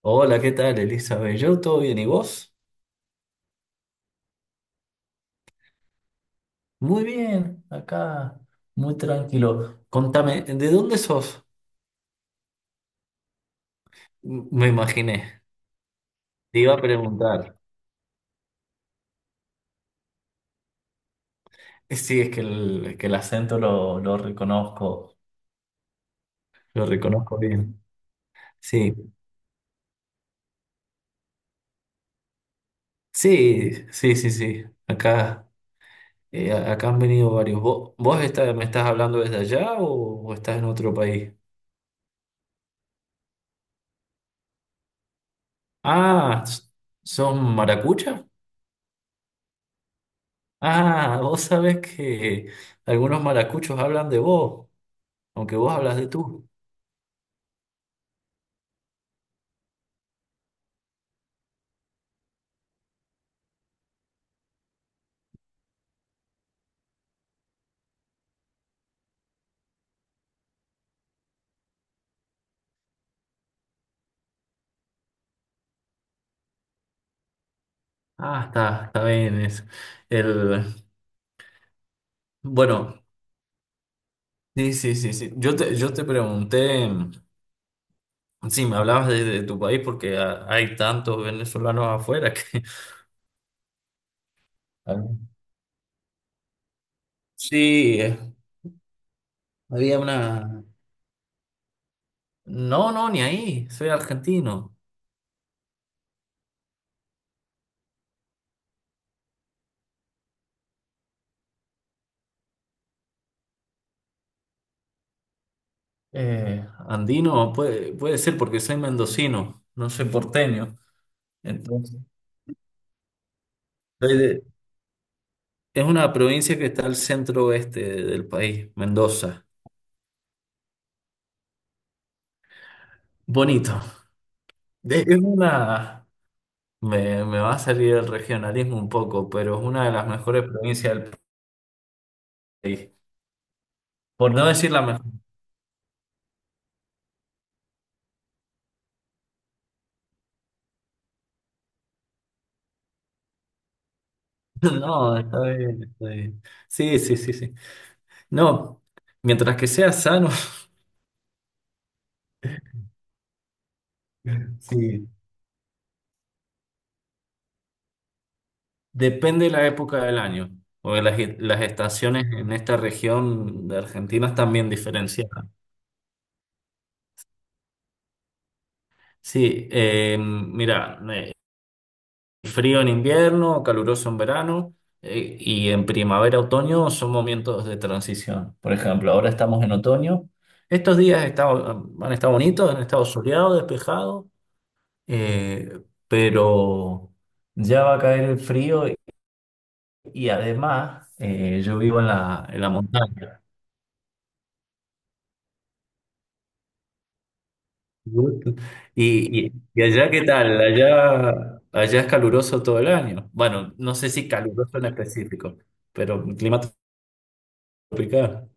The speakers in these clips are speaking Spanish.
Hola, ¿qué tal, Elizabeth? Yo todo bien, ¿y vos? Muy bien, acá, muy tranquilo. Contame, ¿de dónde sos? Me imaginé, te iba a preguntar. Sí, es que el acento lo reconozco bien. Sí, sí, sí, sí, sí. Acá, acá han venido varios. ¿Vos estás- me estás hablando desde allá o estás en otro país? Ah, ¿son maracuchas? Ah, vos sabés que algunos maracuchos hablan de vos, aunque vos hablas de tú. Ah, está, está bien. Eso. El... Bueno, sí, sí, sí, sí. Yo te pregunté, sí, me hablabas de tu país porque ha- hay tantos venezolanos afuera que... Ah. Sí, había una... No, no, ni ahí, soy argentino. Andino puede ser porque soy mendocino, no soy porteño. Entonces... soy de... Es una provincia que está al centro oeste del país, Mendoza. Bonito. Es una... me va a salir el regionalismo un poco, pero es una de las mejores provincias del país. Por no decir la mejor. No, está bien, está bien. Sí, sí, sí, sí. No, mientras que sea sano. Sí. Depende de la época del año, porque las estaciones en esta región de Argentina están bien diferenciadas. Sí, mira, frío en invierno, caluroso en verano, y en primavera, otoño son momentos de transición. Por ejemplo, ahora estamos en otoño. Han estado bonitos, han estado soleados, despejados, eh, pero ya va a caer el frío. Y y además yo vivo en en la montaña. Y allá, ¿qué tal? Allá es caluroso todo el año. Bueno, no sé si caluroso en específico, pero clima tropical.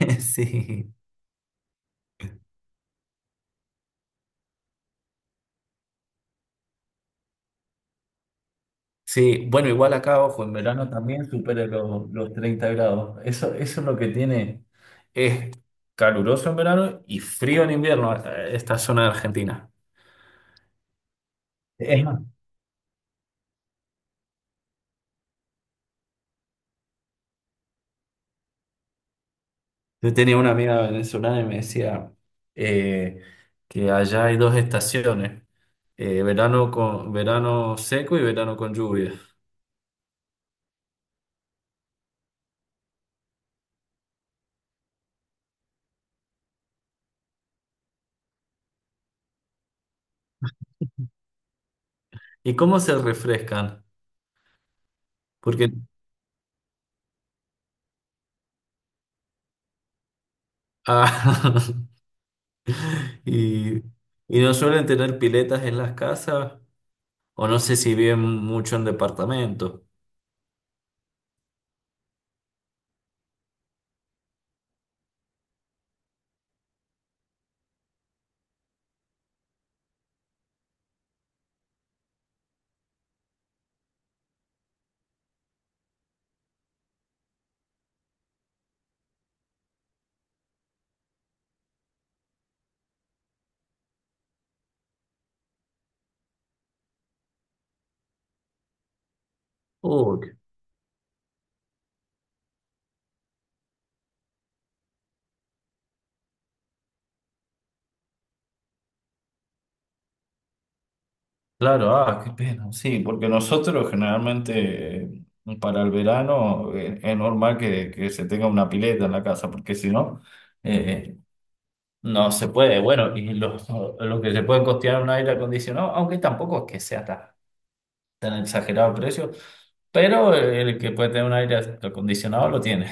Sí, sí, bueno, igual acá, ojo, en verano también supera los 30 grados. Eso, eso es lo que tiene. Es caluroso en verano y frío en invierno, esta zona de Argentina. Es más, yo tenía una amiga venezolana y me decía eh, que allá hay dos estaciones, verano con, verano seco y verano con lluvia. ¿Y cómo se refrescan? Porque ah, y, y no suelen tener piletas en las casas. O no sé si viven mucho en departamentos. Uy, claro, ah, qué pena. Sí, porque nosotros generalmente para el verano es normal que se tenga una pileta en la casa, porque si no, eh, no se puede. Bueno, y los que se pueden costear un aire acondicionado, aunque tampoco es que sea tan, tan exagerado el precio, pero el que puede tener un aire acondicionado lo tiene.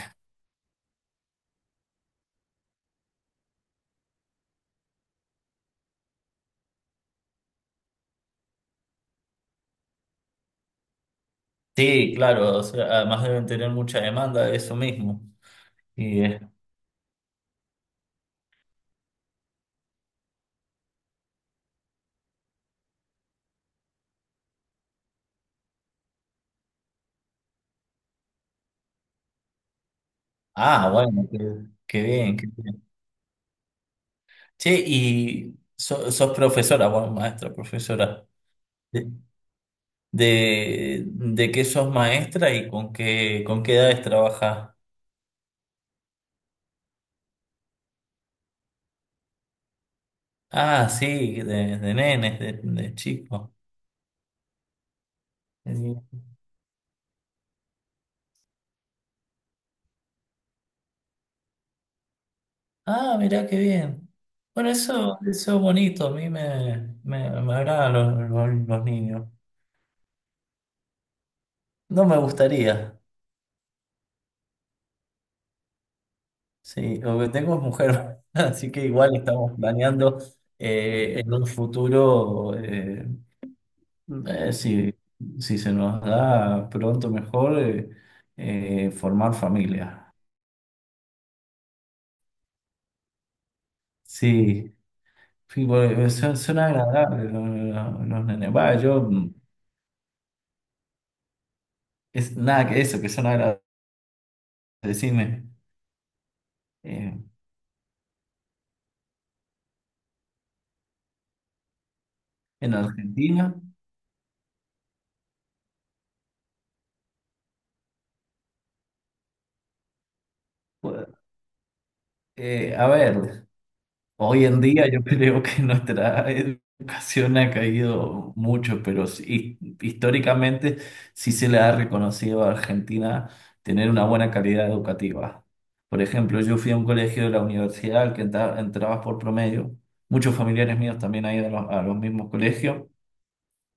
Sí, claro, o sea, además deben tener mucha demanda de eso mismo. Ah, bueno, qué, qué bien, qué bien. Che, y so- sos profesora, bueno, maestra, profesora. ¿De, de qué sos maestra y con qué edades trabajás? Ah, sí, de nenes, de chicos. Sí. Ah, mirá qué bien. Bueno, eso es bonito, a mí me agradan los, los niños. No me gustaría. Sí, lo que tengo es mujer, así que igual estamos planeando en un futuro, si, si se nos da pronto mejor, formar familia. Sí, sí, porque son, son agradables los nenes. Va, yo, es nada que eso, que son agradables. Decime, eh, en Argentina, pues, a ver. Hoy en día yo creo que nuestra educación ha caído mucho, pero sí, históricamente sí se le ha reconocido a Argentina tener una buena calidad educativa. Por ejemplo, yo fui a un colegio de la universidad al que entra- entrabas por promedio. Muchos familiares míos también han ido a los mismos colegios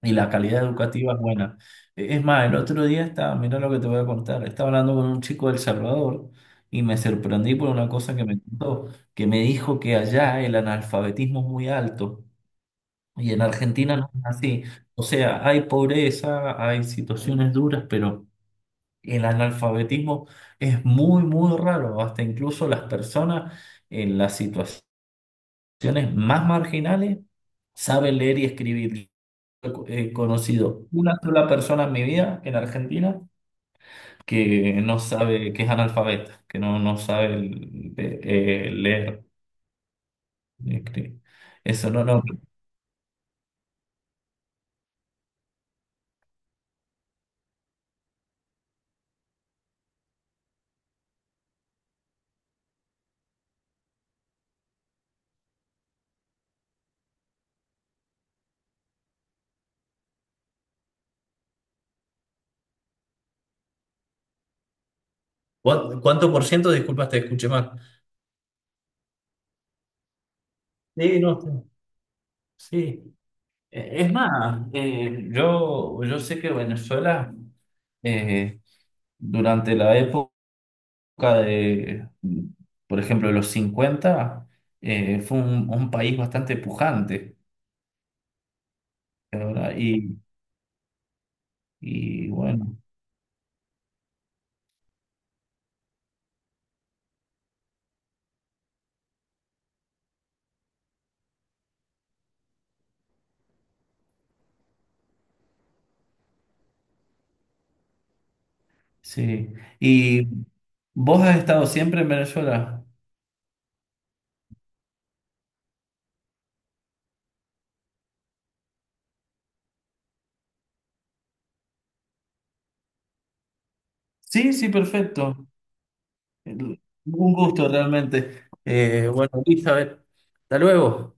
y la calidad educativa es buena. E- Es más, el otro día estaba, mira lo que te voy a contar, estaba hablando con un chico de El Salvador y me sorprendí por una cosa que me contó, que me dijo que allá el analfabetismo es muy alto y en Argentina no es así. O sea, hay pobreza, hay situaciones duras, pero el analfabetismo es muy, muy raro. Hasta incluso las personas en la situación poblaciones más marginales saben leer y escribir. He conocido una sola persona en mi vida en Argentina que no sabe, que es analfabeta, que no, no sabe eh, leer y escribir. Eso no, no. ¿Cuán- ¿Cuánto por ciento? Disculpas, te escuché mal. Sí, no, está- sí. Es más, yo sé que Venezuela, eh, durante la época de, por ejemplo, de los 50 fue un país bastante pujante, ¿verdad? Y bueno, sí. ¿Y vos has estado siempre en Venezuela? Sí, sí, perfecto. El- Un gusto realmente. Bueno, Elizabeth, hasta luego.